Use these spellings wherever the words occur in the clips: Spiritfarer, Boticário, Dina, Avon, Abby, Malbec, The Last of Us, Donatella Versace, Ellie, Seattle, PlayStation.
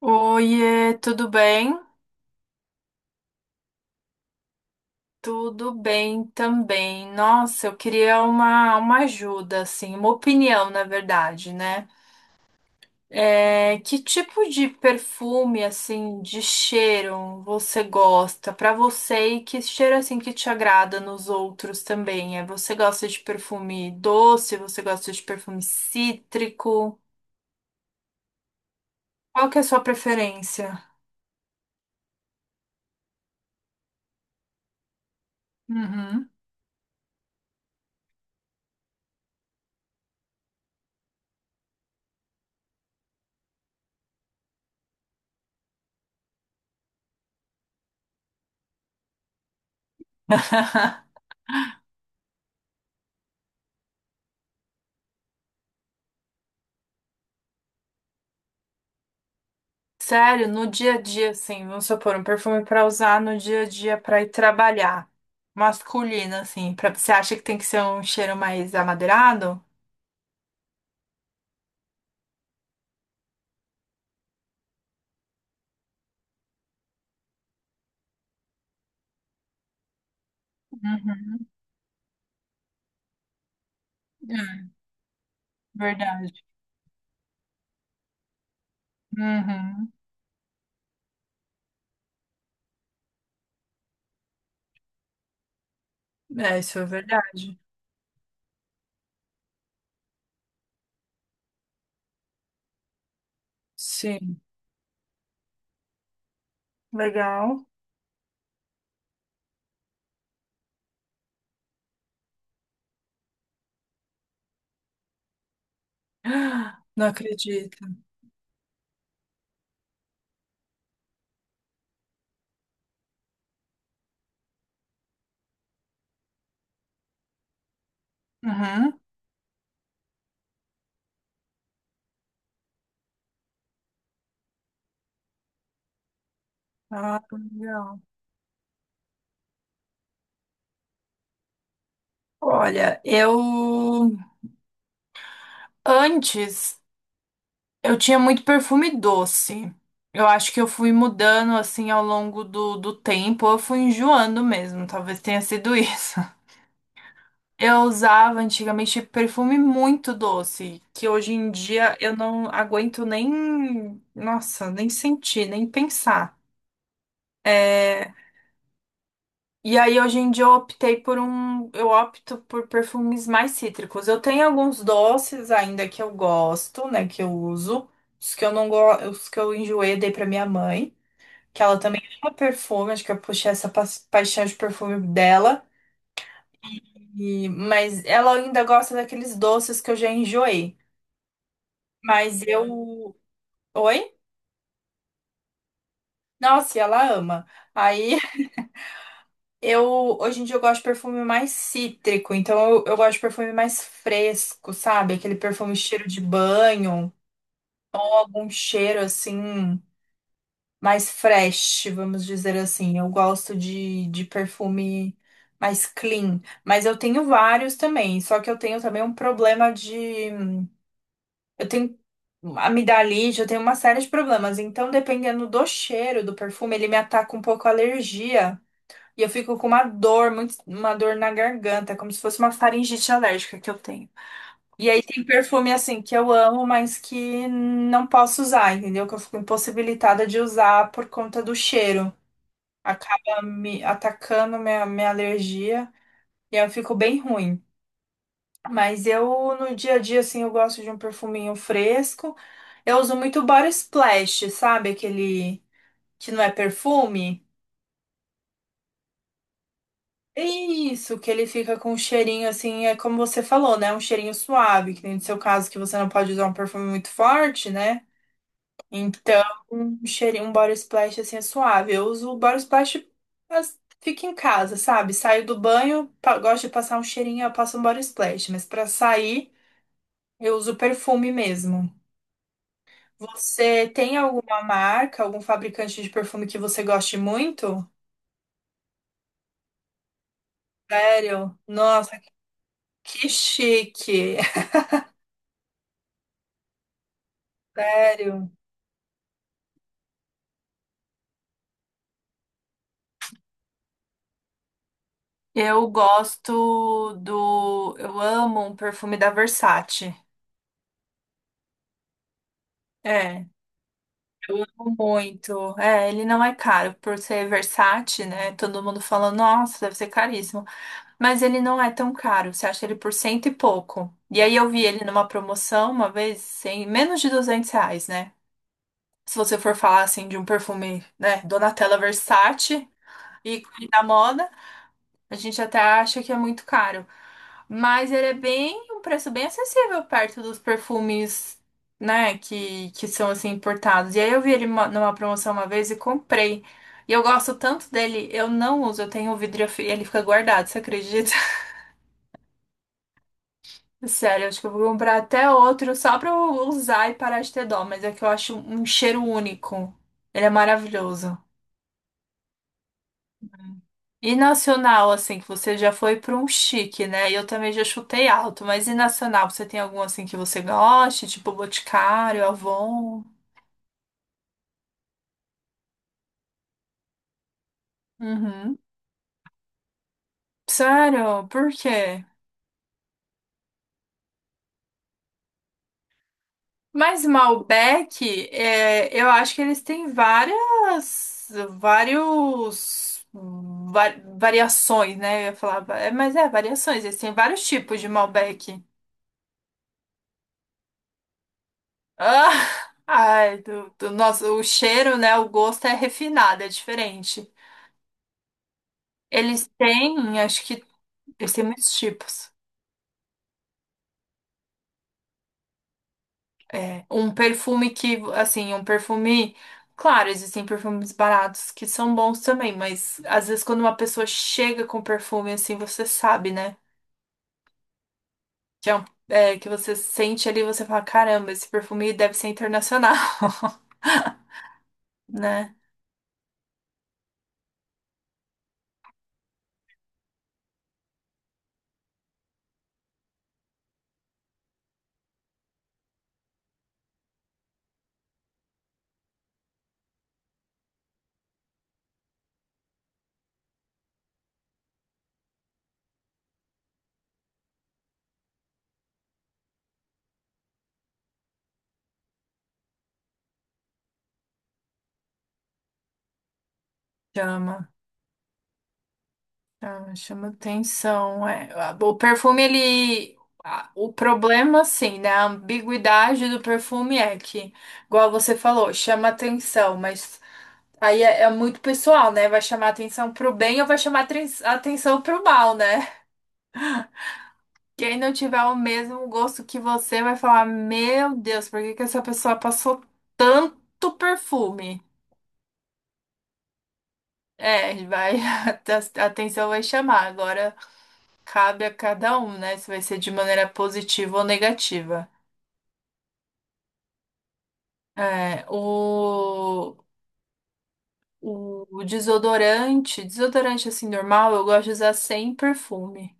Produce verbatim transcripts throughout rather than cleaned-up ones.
Oiê, tudo bem? Tudo bem também. Nossa, eu queria uma, uma ajuda, assim, uma opinião, na verdade, né? É, que tipo de perfume, assim, de cheiro você gosta pra você e que cheiro, assim, que te agrada nos outros também? É, você gosta de perfume doce? Você gosta de perfume cítrico? Qual que é a sua preferência? Uhum. Sério, no dia a dia, assim, vamos supor, um perfume pra usar no dia a dia pra ir trabalhar. Masculino, assim, pra, você acha que tem que ser um cheiro mais amadeirado? Uhum. É, verdade. Uhum. É, isso é verdade. Sim. Legal. Não acredito. Uhum. Ah, legal. Olha, eu antes. Eu tinha muito perfume doce. Eu acho que eu fui mudando assim ao longo do, do tempo, eu fui enjoando mesmo, talvez tenha sido isso. Eu usava antigamente perfume muito doce, que hoje em dia eu não aguento nem, nossa, nem sentir, nem pensar. É, e aí hoje em dia eu optei por um, eu opto por perfumes mais cítricos. Eu tenho alguns doces ainda que eu gosto, né, que eu uso. Os que eu não gosto, os que eu enjoei, dei pra minha mãe, que ela também ama perfume, acho que eu puxei essa pa- paixão de perfume dela. E, mas ela ainda gosta daqueles doces que eu já enjoei. Mas eu. Oi? Nossa, e ela ama. Aí eu. Hoje em dia eu gosto de perfume mais cítrico. Então eu, eu gosto de perfume mais fresco, sabe? Aquele perfume cheiro de banho. Algum cheiro assim, mais fresh, vamos dizer assim. Eu gosto de, de perfume mais clean, mas eu tenho vários também, só que eu tenho também um problema de. Eu tenho amidalite, eu tenho uma série de problemas, então dependendo do cheiro do perfume, ele me ataca um pouco a alergia. E eu fico com uma dor, muito, uma dor na garganta, como se fosse uma faringite alérgica que eu tenho. E aí tem perfume assim que eu amo, mas que não posso usar, entendeu? Que eu fico impossibilitada de usar por conta do cheiro acaba me atacando minha, minha alergia e aí eu fico bem ruim. Mas eu, no dia a dia, assim, eu gosto de um perfuminho fresco. Eu uso muito Body Splash, sabe? Aquele que não é perfume. É isso, que ele fica com um cheirinho assim, é como você falou, né? Um cheirinho suave, que nem no seu caso que você não pode usar um perfume muito forte, né? Então, um cheirinho, um body splash assim é suave. Eu uso o body splash, mas fica em casa, sabe? Saio do banho, pa- gosto de passar um cheirinho, eu passo um body splash, mas pra sair, eu uso perfume mesmo. Você tem alguma marca, algum fabricante de perfume que você goste muito? Sério? Nossa, que chique. Sério. Eu gosto do. Eu amo um perfume da Versace. É. Eu amo muito. É, ele não é caro por ser Versace, né? Todo mundo fala, nossa, deve ser caríssimo. Mas ele não é tão caro. Você acha ele por cento e pouco. E aí eu vi ele numa promoção uma vez, sem menos de duzentos reais, né? Se você for falar assim de um perfume, né? Donatella Versace, ícone da moda. A gente até acha que é muito caro. Mas ele é bem, um preço bem acessível perto dos perfumes, né, que, que são assim importados. E aí eu vi ele uma- numa promoção uma vez e comprei. E eu gosto tanto dele, eu não uso, eu tenho o vidro e eu fi- ele fica guardado, você acredita? Sério, acho que eu vou comprar até outro só pra eu usar e parar de ter dó, mas é que eu acho um cheiro único. Ele é maravilhoso. E nacional, assim, que você já foi para um chique, né? E eu também já chutei alto, mas e nacional, você tem algum assim que você goste, tipo Boticário, Avon? Uhum. Sério? Por quê? Mas Malbec, é, eu acho que eles têm várias, vários va- variações, né? Eu ia falar, va- é, mas é, variações, eles têm vários tipos de Malbec. Ah, ai, do, do nosso, o cheiro, né? O gosto é refinado, é diferente. Eles têm, acho que eles têm muitos tipos. É, um perfume que, assim, um perfume. Claro, existem perfumes baratos que são bons também, mas às vezes quando uma pessoa chega com perfume, assim, você sabe, né? Que, é um- é, que você sente ali, você fala, caramba, esse perfume deve ser internacional, né? Chama. Tá, chama atenção, é. Ah, o perfume, ele. a- O problema, assim, né? A ambiguidade do perfume é que, igual você falou, chama atenção, mas aí é, é muito pessoal, né? Vai chamar atenção pro bem ou vai chamar tren- atenção pro mal, né? Quem não tiver o mesmo gosto que você vai falar: Meu Deus, por que que essa pessoa passou tanto perfume? É, vai, a atenção vai chamar. Agora, cabe a cada um, né? Se vai ser de maneira positiva ou negativa. É, o, o desodorante, desodorante assim normal, eu gosto de usar sem perfume.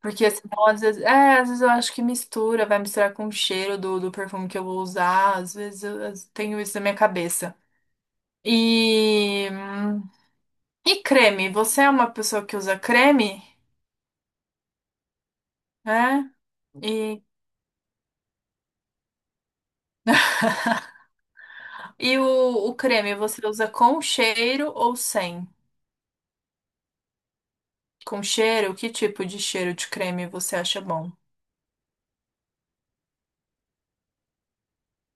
Porque senão, às vezes, é, às vezes eu acho que mistura, vai misturar com o cheiro do, do perfume que eu vou usar. Às vezes eu, eu tenho isso na minha cabeça. E, e creme, você é uma pessoa que usa creme? Né. E, e o, o creme, você usa com cheiro ou sem? Com cheiro, que tipo de cheiro de creme você acha bom?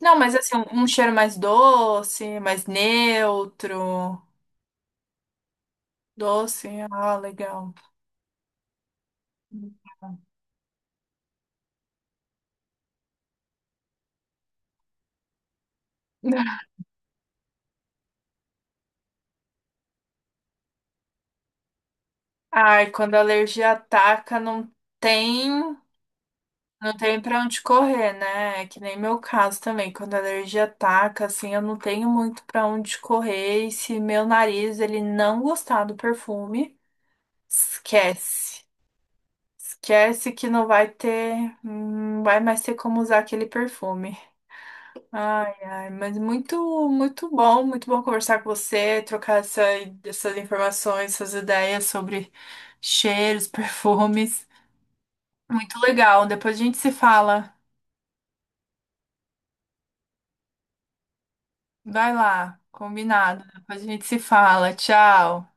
Não, mas assim, um um cheiro mais doce, mais neutro. Doce, ah, legal. Ai, quando a alergia ataca, não tem, não tem pra onde correr, né? É que nem meu caso também. Quando a alergia ataca, assim, eu não tenho muito pra onde correr. E se meu nariz, ele não gostar do perfume, esquece. Esquece que não vai ter, não vai mais ter como usar aquele perfume. Ai, ai, mas muito, muito bom, muito bom conversar com você, trocar essa, essas informações, essas ideias sobre cheiros, perfumes. Muito legal. Depois a gente se fala. Vai lá, combinado. Depois a gente se fala. Tchau.